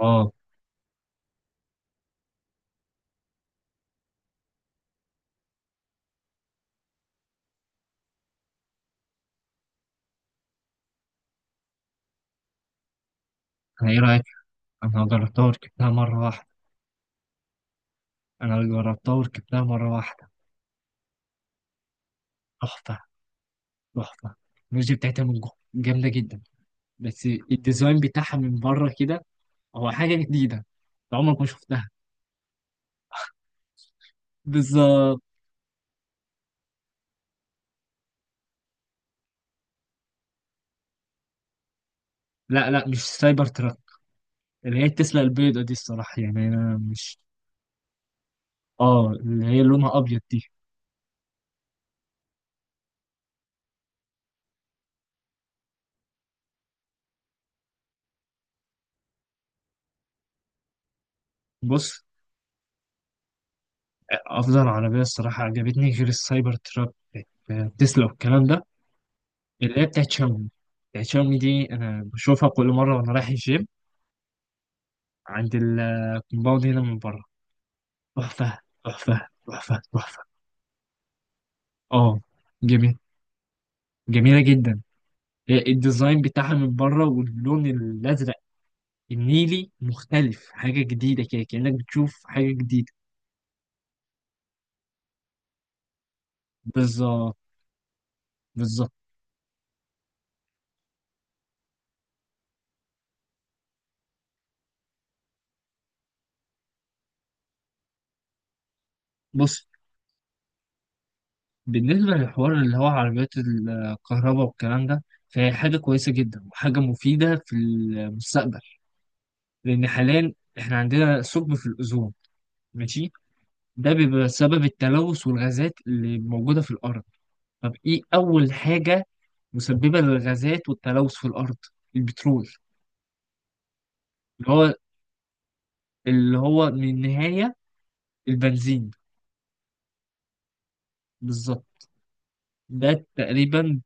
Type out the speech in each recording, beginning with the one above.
اه. انا ايه رايك؟ انا جربتها وركبتها مره واحده. انا جربتها وركبتها مره واحده. تحفه، تحفه. الميوزي بتاعتها من جوه جامده جدا. بس الديزاين بتاعها من بره كده هو حاجه جديده، أنت عمرك ما شفتها. بالظبط. لا لا، مش سايبر تراك. اللي هي تسلا البيضه دي الصراحه، يعني انا مش. اه، اللي هي لونها ابيض دي. بص، افضل عربيه الصراحه عجبتني غير السايبر تراك بتاعت تسلا والكلام ده، اللي هي بتاعت شاومي. بتاعت شاومي دي انا بشوفها كل مره وانا رايح الجيم عند الكومباوند هنا من بره. تحفة، تحفة، تحفة، تحفة. اه، جميل. جميلة جدا. الديزاين بتاعها من بره واللون الأزرق النيلي مختلف، حاجة جديدة كده كأنك بتشوف حاجة جديدة. بالظبط. بالظبط. بص، بالنسبة للحوار اللي هو عربيات الكهرباء والكلام ده، فهي حاجة كويسة جدا وحاجة مفيدة في المستقبل. لأن حاليا احنا عندنا ثقب في الأوزون، ماشي. ده بيبقى بسبب التلوث والغازات اللي موجودة في الأرض. طب إيه أول حاجة مسببة للغازات والتلوث في الأرض؟ البترول. اللي هو، اللي هو من النهاية، البنزين. بالظبط. ده تقريبا.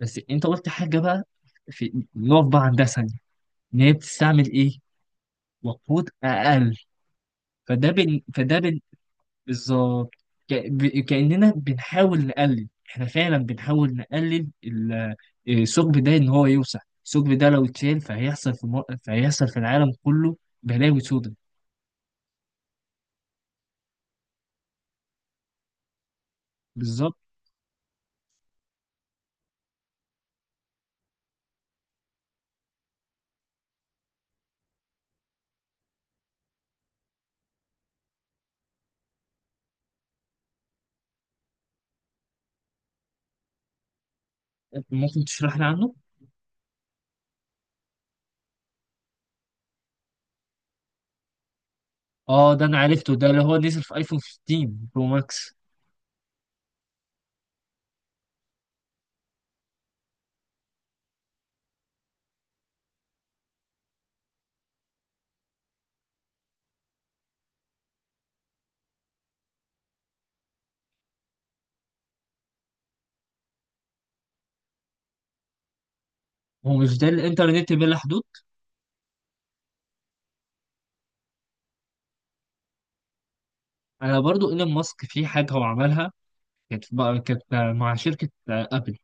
بس أنت قلت حاجة بقى، في نقف بقى عندها ثانية. إن هي بتستعمل إيه؟ وقود أقل. فده بن... فده بن... بالظبط كأننا بنحاول نقلل، إحنا فعلا بنحاول نقلل الثقب ده إن هو يوسع. الثقب ده لو اتشال فهيحصل في العالم كله بلاوي سودة. بالظبط. ممكن تشرح لي عنه. اه، ده انا عرفته، ده اللي هو نزل في ايفون 15 برو ماكس. هو مش ده الانترنت بلا حدود؟ انا برضو ايلون ماسك في حاجه هو عملها، كانت بقى، كانت مع شركه ابل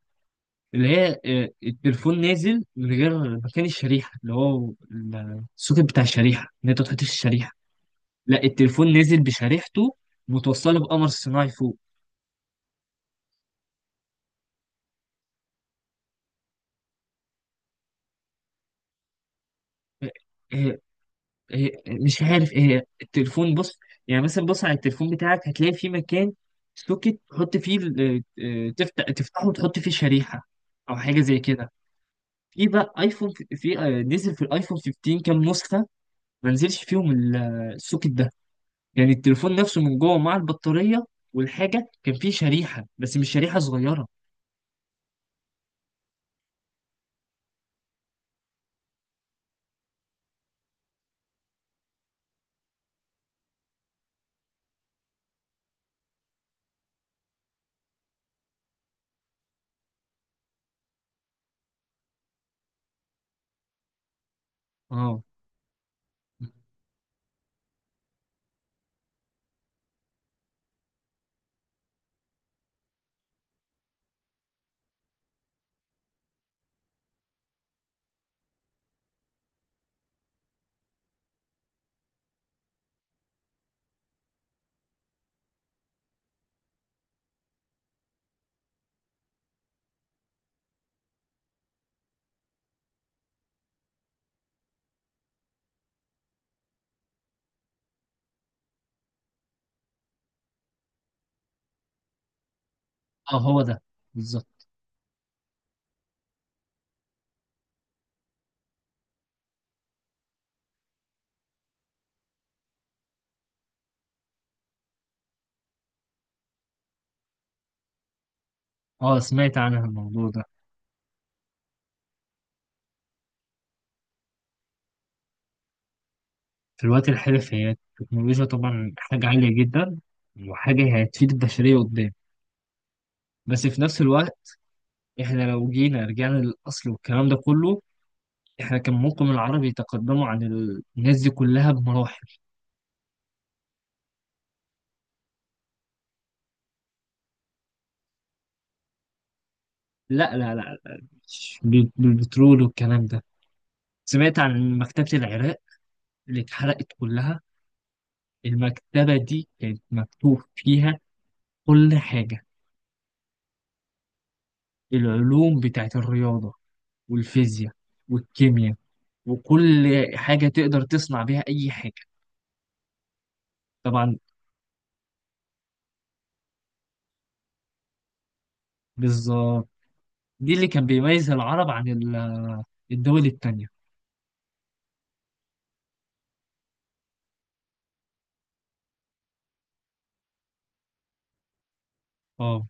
اللي هي التليفون نازل من غير مكان الشريحه، اللي هو السوكت بتاع الشريحه ان انت تحطش الشريحه. لا، التليفون نازل بشريحته متوصله بقمر صناعي فوق. آه، آه، هي مش عارف ايه هي. التليفون، بص، يعني مثلا بص على التليفون بتاعك هتلاقي فيه مكان سوكت تحط فيه تفتح، تفتحه وتحط فيه شريحة او حاجة زي كده. في بقى ايفون نزل في الايفون 15 كام نسخة ما نزلش فيهم السوكت ده. يعني التليفون نفسه من جوه مع البطارية والحاجة كان فيه شريحة، بس مش شريحة صغيرة. اه. اه، هو ده. بالظبط. اه، سمعت عنها الموضوع ده. في الوقت الحالي هي التكنولوجيا طبعا حاجة عالية جدا، وحاجة هتفيد البشرية قدام. بس في نفس الوقت احنا لو جينا رجعنا للأصل والكلام ده كله، احنا كان ممكن العرب يتقدموا عن الناس دي كلها بمراحل. لا لا لا، مش بالبترول والكلام ده. سمعت عن مكتبة العراق اللي اتحرقت كلها؟ المكتبة دي كانت مكتوب فيها كل حاجة. العلوم بتاعت الرياضة والفيزياء والكيمياء وكل حاجة تقدر تصنع بيها أي حاجة. طبعا. بالظبط. دي اللي كان بيميز العرب عن الدول التانية. اه.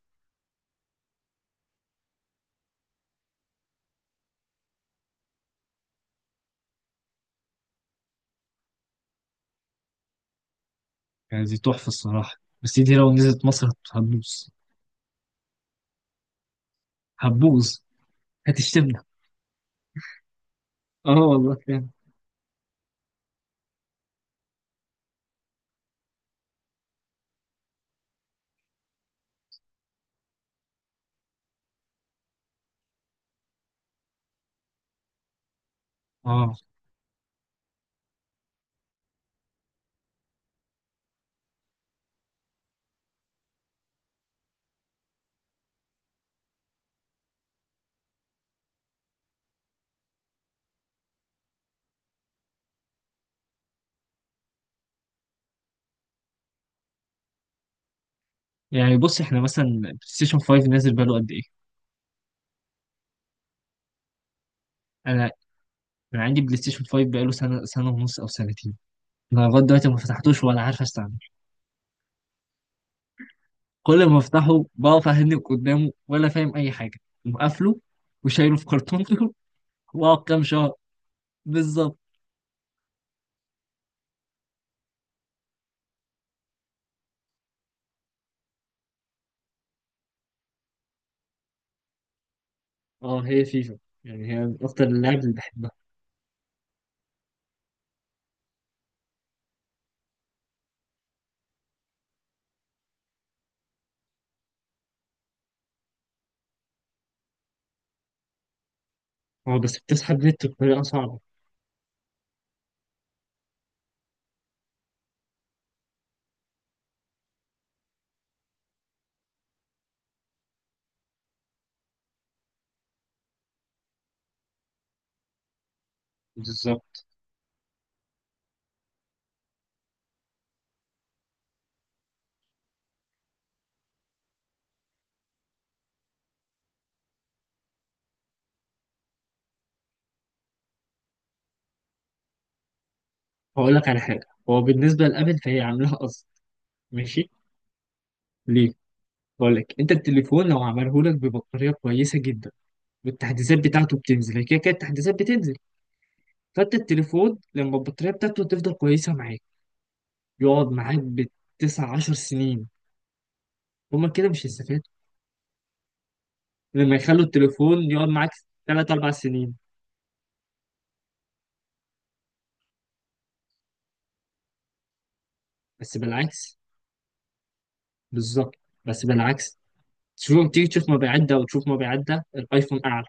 يعني دي تحفة الصراحة، بس دي لو نزلت مصر هتبوظ. هتبوظ. هتشتمنا. اه والله فعلا. اه، يعني بص، احنا مثلا بلاي ستيشن 5 نازل بقاله قد ايه؟ انا انا عندي بلاي ستيشن 5 بقاله سنة، سنة ونص او سنتين. انا لغاية دلوقتي ما فتحتوش ولا عارف استعمله. كل ما افتحه بقف اهنك قدامه ولا فاهم اي حاجة، مقفله وشايله في كرتونته. واقعد كام شهر. بالظبط. اه هي فيفا، يعني هي من أكتر اللعب اللي بحبها. هو بس بتسحب نت بطريقة صعبة. بالظبط. هقول لك على حاجة، هو بالنسبة لأبل فهي عاملاها قصد، ماشي. ليه؟ هقول لك، أنت التليفون لو عمله لك ببطارية كويسة جدا، والتحديثات بتاعته بتنزل، هي كده كده التحديثات بتنزل. فأنت التليفون لما البطارية بتاعته تفضل كويسة معاك، يقعد معاك بالتسع عشر سنين، هما كده مش هيستفادوا. لما يخلوا التليفون يقعد معاك 3 4 سنين، بس بالعكس. بالظبط. بس بالعكس، المهم تيجي تشوف مبيعات ده وتشوف مبيعات ده، الايفون اعلى.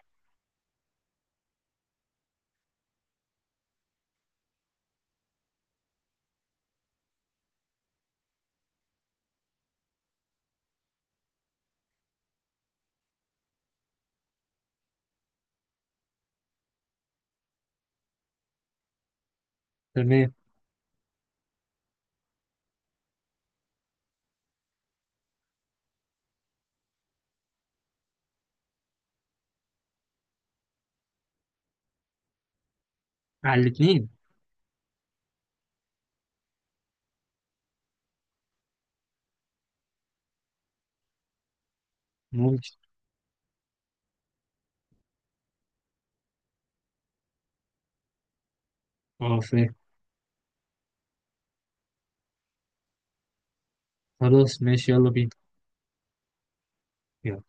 تمام. على الاثنين. ممكن. اه، فاهم. خلاص ماشي، يلا بينا. يلا.